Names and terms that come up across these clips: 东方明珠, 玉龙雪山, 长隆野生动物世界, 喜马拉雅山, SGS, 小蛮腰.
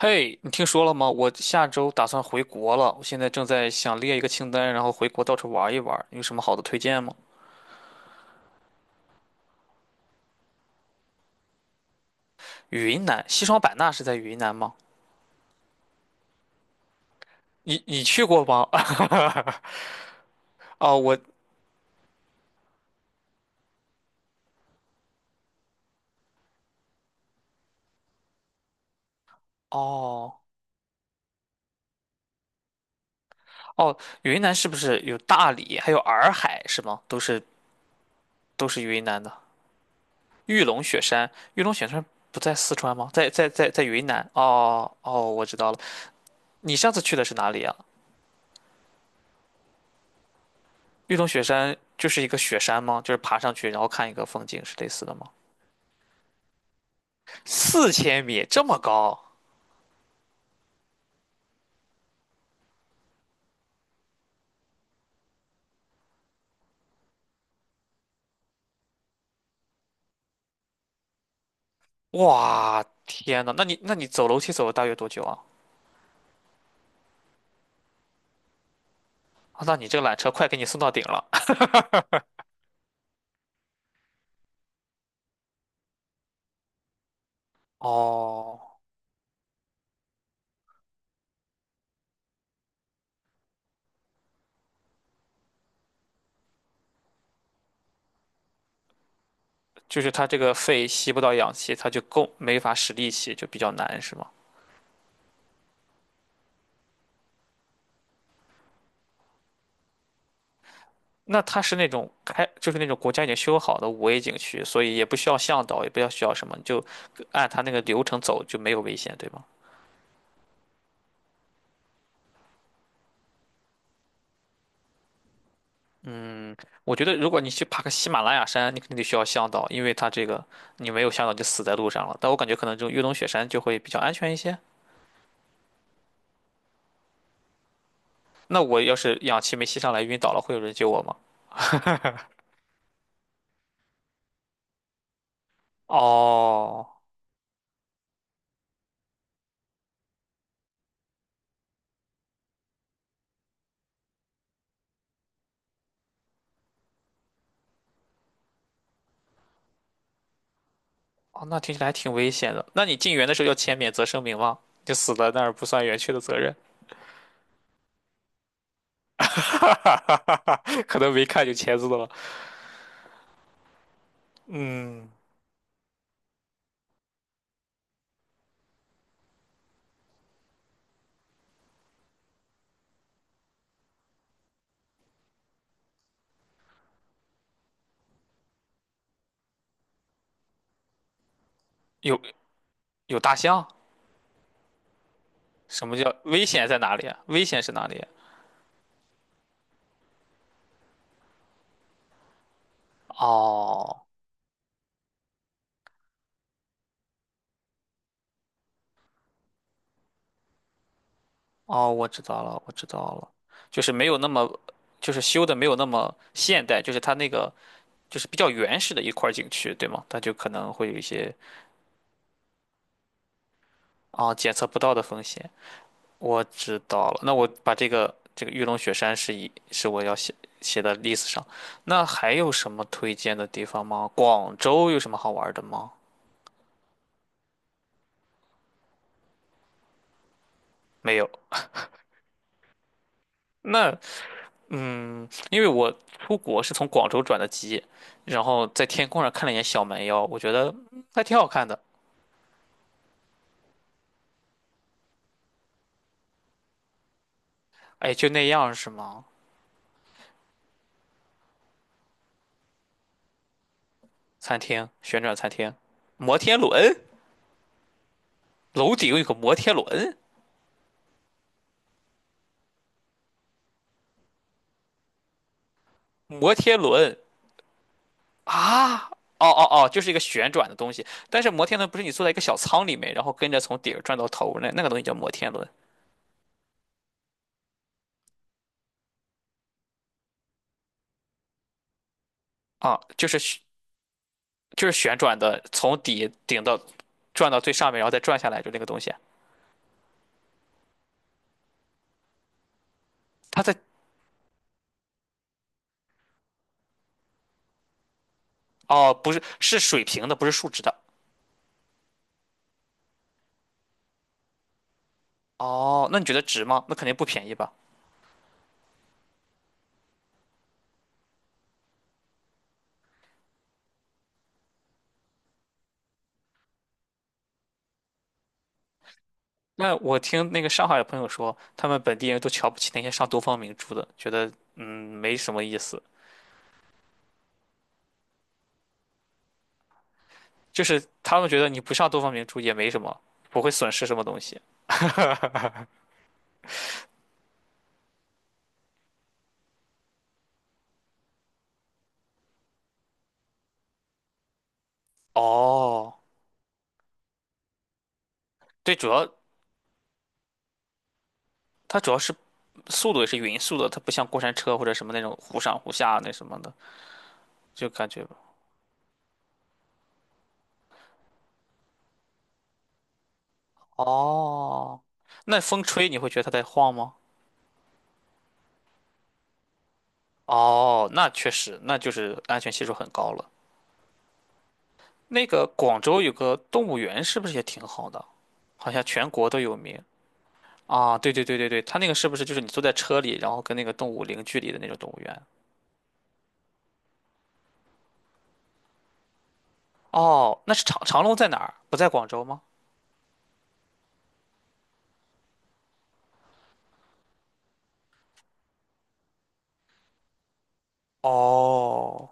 嘿，你听说了吗？我下周打算回国了，我现在正在想列一个清单，然后回国到处玩一玩。有什么好的推荐吗？云南，西双版纳是在云南吗？你去过吗？哦，哦哦，云南是不是有大理，还有洱海是吗？都是云南的。玉龙雪山不在四川吗？在云南。哦哦，我知道了。你上次去的是哪里啊？玉龙雪山就是一个雪山吗？就是爬上去然后看一个风景是类似的吗？4000米这么高，哇，天呐，那你走楼梯走了大约多久啊？啊那你这个缆车快给你送到顶了。哦，就是它这个肺吸不到氧气，它就够没法使力气，就比较难，是吗？那它是那种开，就是那种国家已经修好的5A 景区，所以也不需要向导，也不要需要什么，你就按它那个流程走就没有危险，对吗？我觉得如果你去爬个喜马拉雅山，你肯定得需要向导，因为它这个你没有向导就死在路上了。但我感觉可能这种越冬雪山就会比较安全一些。那我要是氧气没吸上来晕倒了，会有人救我吗？哦，哦，那听起来还挺危险的。那你进园的时候要签免责声明吗？就死在那儿不算园区的责任，哈哈哈哈哈，可能没看就签字了。嗯，有有大象？什么叫危险在哪里啊？危险是哪里啊？哦哦，我知道了，我知道了，就是没有那么，就是修的没有那么现代，就是它那个就是比较原始的一块儿景区，对吗？它就可能会有一些啊、检测不到的风险。我知道了，那我把这个玉龙雪山是我要写的 list 上。那还有什么推荐的地方吗？广州有什么好玩的吗？没有。那嗯，因为我出国是从广州转的机，然后在天空上看了一眼小蛮腰，我觉得嗯还挺好看的。哎，就那样是吗？餐厅，旋转餐厅，摩天轮，楼顶有个摩天轮，摩天轮。啊，哦哦哦，就是一个旋转的东西。但是摩天轮不是你坐在一个小舱里面，然后跟着从底儿转到头那个东西叫摩天轮啊，就是旋转的，从底顶到转到最上面，然后再转下来，就那个东西啊。它在哦，不是是水平的，不是竖直的。哦，那你觉得值吗？那肯定不便宜吧？那我听那个上海的朋友说，他们本地人都瞧不起那些上东方明珠的，觉得嗯没什么意思，就是他们觉得你不上东方明珠也没什么，不会损失什么东西。哦，对，主要它主要是速度也是匀速的，它不像过山车或者什么那种忽上忽下那什么的，就感觉哦，那风吹你会觉得它在晃吗？哦，那确实，那就是安全系数很高了。那个广州有个动物园，是不是也挺好的？好像全国都有名啊！对对对对对，它那个是不是就是你坐在车里，然后跟那个动物零距离的那种动物园？哦，那是长隆在哪儿？不在广州吗？哦，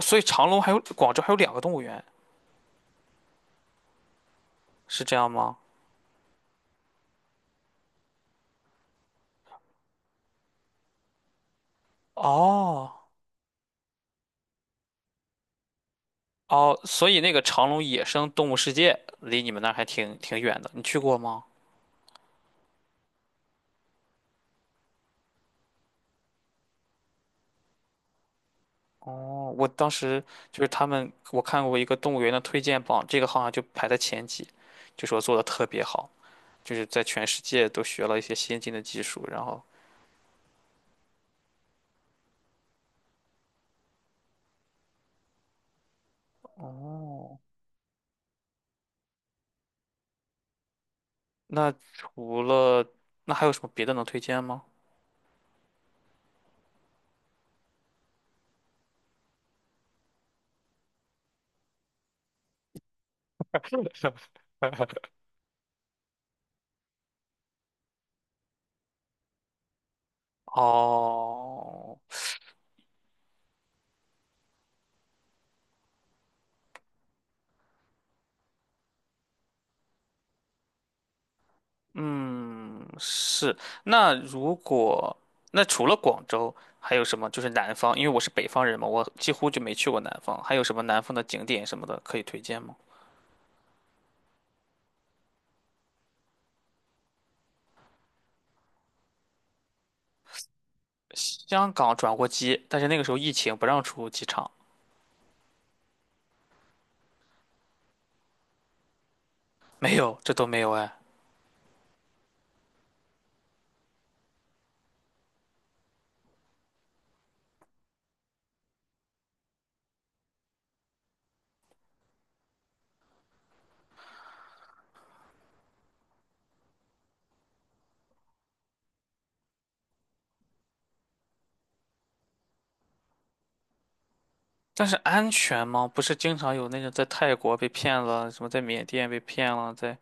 所以长隆还有广州还有两个动物园，是这样吗？哦哦，所以那个长隆野生动物世界离你们那儿还挺远的，你去过吗？哦，我当时就是他们，我看过一个动物园的推荐榜，这个好像就排在前几，就说做的特别好，就是在全世界都学了一些先进的技术。然后，哦，那除了那还有什么别的能推荐吗？哦，嗯，是。那如果那除了广州，还有什么？就是南方，因为我是北方人嘛，我几乎就没去过南方。还有什么南方的景点什么的可以推荐吗？香港转过机，但是那个时候疫情不让出机场，没有，这都没有哎。但是安全吗？不是经常有那种在泰国被骗了，什么在缅甸被骗了，在……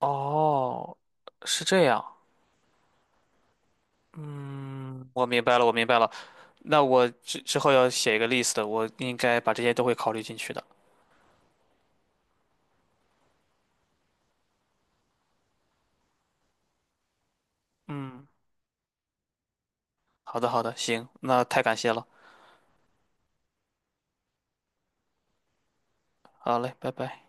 哦，是这样。嗯，我明白了，我明白了。那我之后要写一个 list，我应该把这些都会考虑进去的。嗯，好的，好的，行，那太感谢了。好嘞，拜拜。